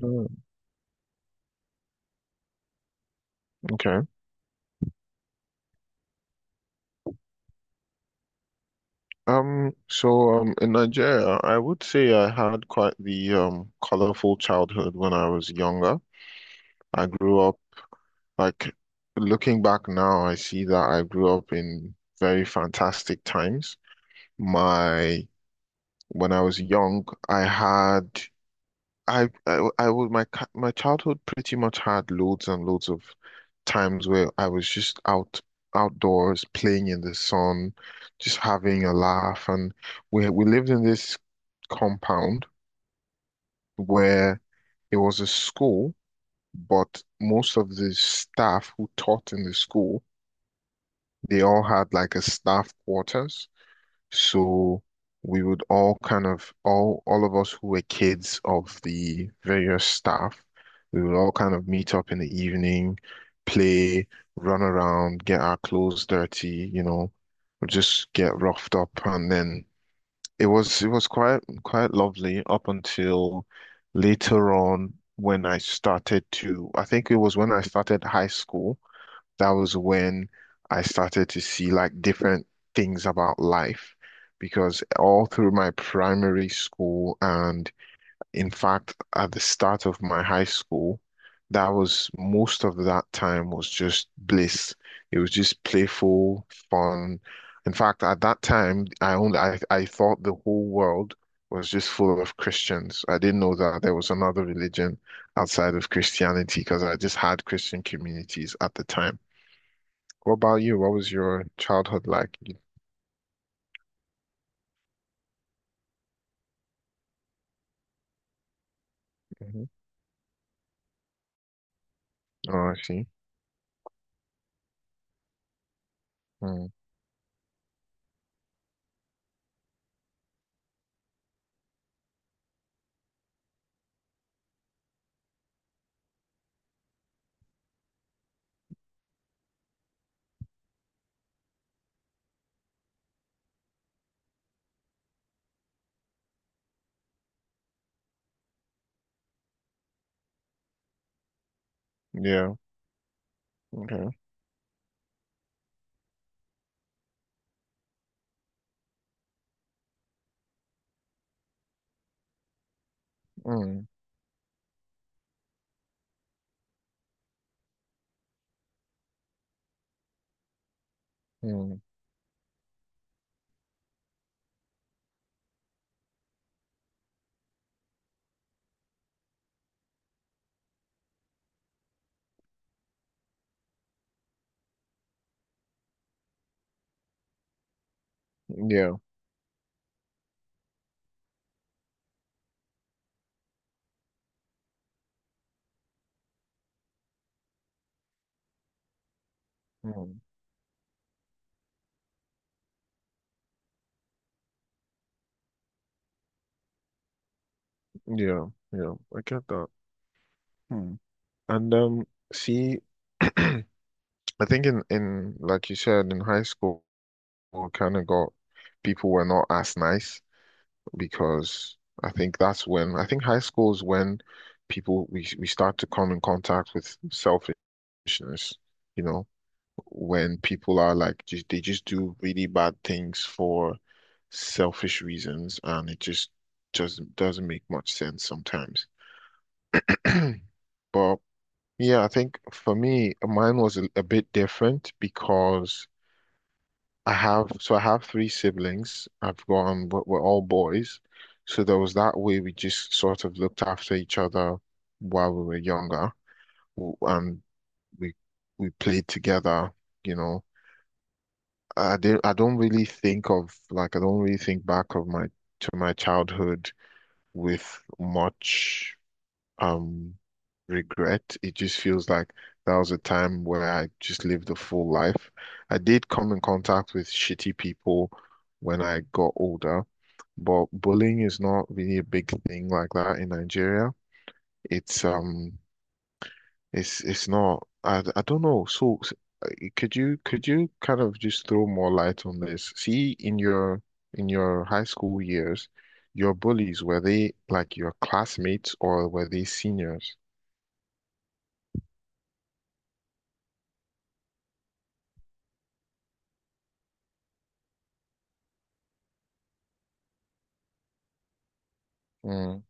Mm, okay. So in Nigeria, I would say I had quite the colorful childhood when I was younger. I grew up like looking back now, I see that I grew up in very fantastic times. My When I was young, I had I would my ca- my childhood pretty much had loads and loads of times where I was just outdoors playing in the sun, just having a laugh, and we lived in this compound where it was a school, but most of the staff who taught in the school, they all had like a staff quarters. So we would all of us who were kids of the various staff, we would all kind of meet up in the evening, play, run around, get our clothes dirty, or just get roughed up, and then it was quite lovely up until later on when I started to I think it was when I started high school. That was when I started to see like different things about life because all through my primary school and in fact at the start of my high school, that was most of that time was just bliss. It was just playful, fun. In fact, at that time, I thought the whole world was just full of Christians. I didn't know that there was another religion outside of Christianity because I just had Christian communities at the time. What about you? What was your childhood like? hmm Oh, I see. Mm. Yeah. Okay. Mm. Mm. Yeah. Mm. Yeah. Yeah, I get that. Hmm. And see, I think in like you said in high school, kind of got people were not as nice because I think high school is when people we start to come in contact with selfishness. You know, when people are like just they just do really bad things for selfish reasons and it just doesn't make much sense sometimes. But yeah, I think for me, mine was a bit different because I have three siblings. I've got we're all boys, so there was that way we just sort of looked after each other while we were younger, W- and we we played together, you know. I don't really think back of my to my childhood with much um regret. It just feels like that was a time where I just lived a full life. I did come in contact with shitty people when I got older, but bullying is not really a big thing like that in Nigeria. It's um it's not. I don't know. Uh, could you kind of just throw more light on this? See, in your high school years, your bullies, were they like your classmates or were they seniors? Mm,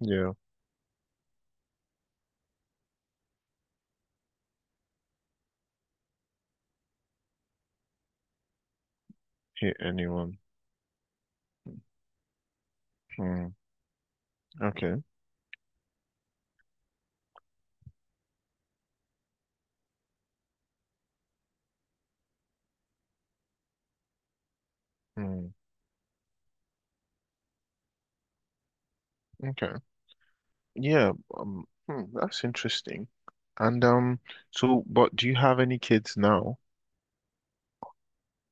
yeah, hit anyone. Mm, okay. Mm, okay. Yeah. That's interesting. And but do you have any kids now?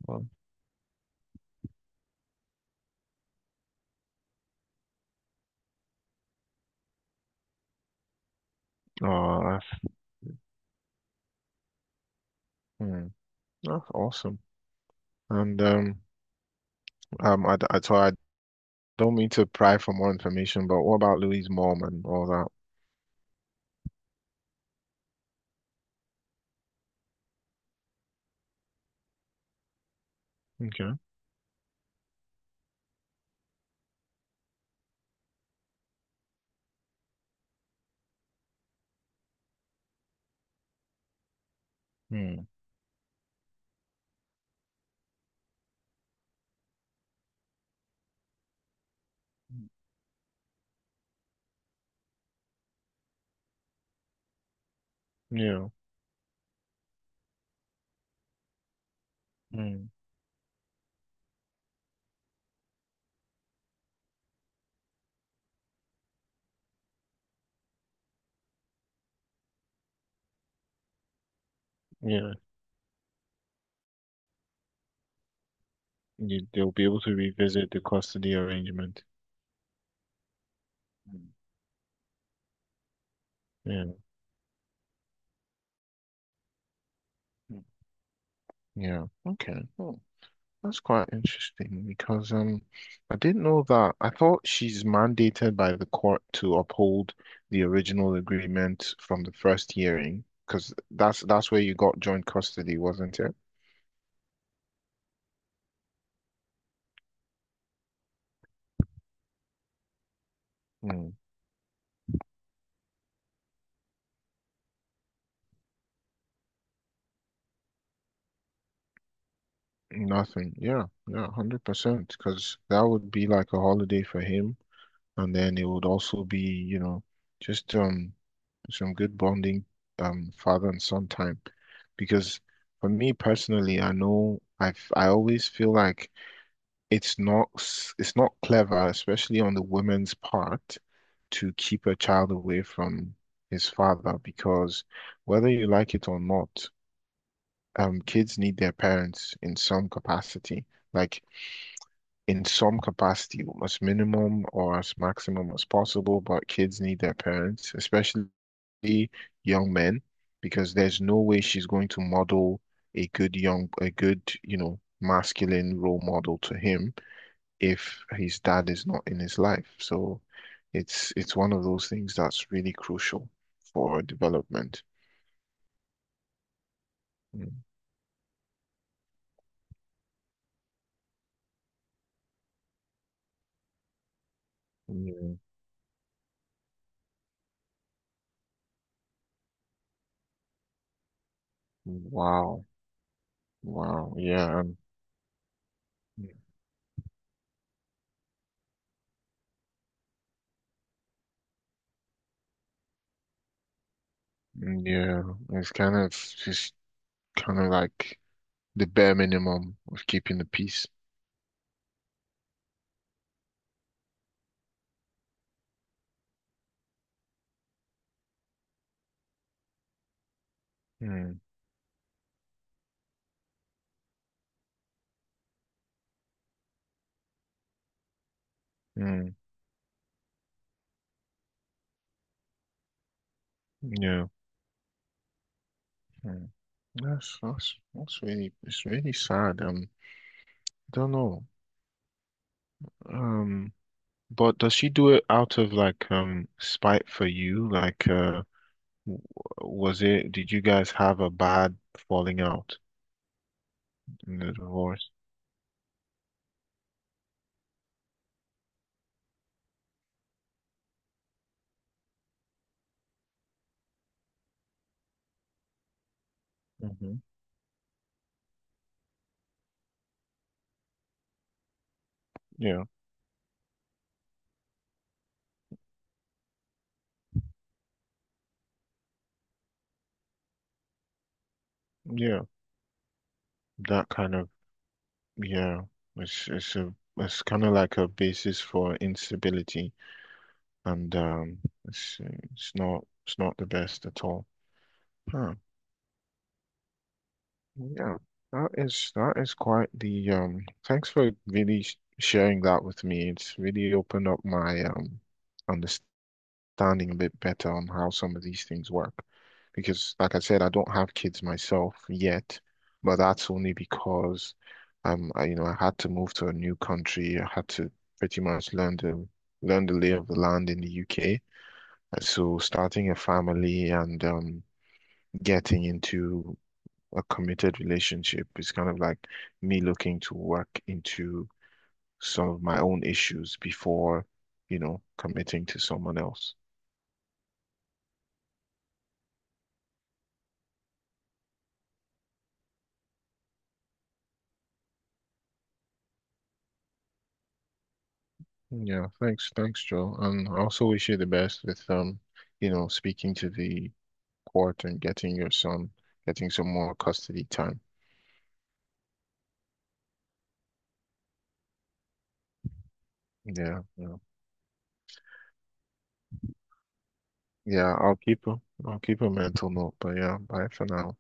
Well. Oh, that's, hmm, that's awesome. And I don't mean to pry for more information, but what about Louise Mom and all that? Okay. Hmm. Yeah. Hmm. Yeah. You, they'll be able to revisit the custody arrangement. Mm. Yeah. Mm. Yeah. Okay. Oh, that's quite interesting because I didn't know that. I thought she's mandated by the court to uphold the original agreement from the first hearing because that's where you got joint custody, wasn't it? Nothing. Yeah, yeah, 100%. Because that would be like a holiday for him. And then it would also be, you know, just some good bonding father and son time. Because for me personally, I know I've I always feel like it's not clever, especially on the woman's part, to keep a child away from his father because whether you like it or not, kids need their parents in some capacity. Like in some capacity as minimum or as maximum as possible, but kids need their parents, especially young men, because there's no way she's going to model a good, you know, masculine role model to him if his dad is not in his life. So it's one of those things that's really crucial for development. Mm. Yeah. Wow. Wow. Yeah. Um, yeah. It's kind of just kind of like the bare minimum of keeping the peace. Mm, mm, yeah. Mm. That's really It's really sad. I don't know. Um, but does she do it out of like spite for you? W- was it? Did you guys have a bad falling out in the divorce? Hmm. Yeah, yeah. That kind of yeah. It's kind of like a basis for instability. And let's see, it's not the best at all. Huh. Yeah, that is quite the. Thanks for really sh sharing that with me. It's really opened up my understanding a bit better on how some of these things work. Because, like I said, I don't have kids myself yet, but that's only because you know, I had to move to a new country. I had to pretty much learn the lay of the land in the UK. So starting a family and getting into a committed relationship is kind of like me looking to work into some of my own issues before, you know, committing to someone else. Yeah, thanks, Joe. And I also wish you the best with you know, speaking to the court and getting some more custody time. Yeah, yeah. Yeah, I'll keep a, I'll keep a mental note, but yeah, bye for now.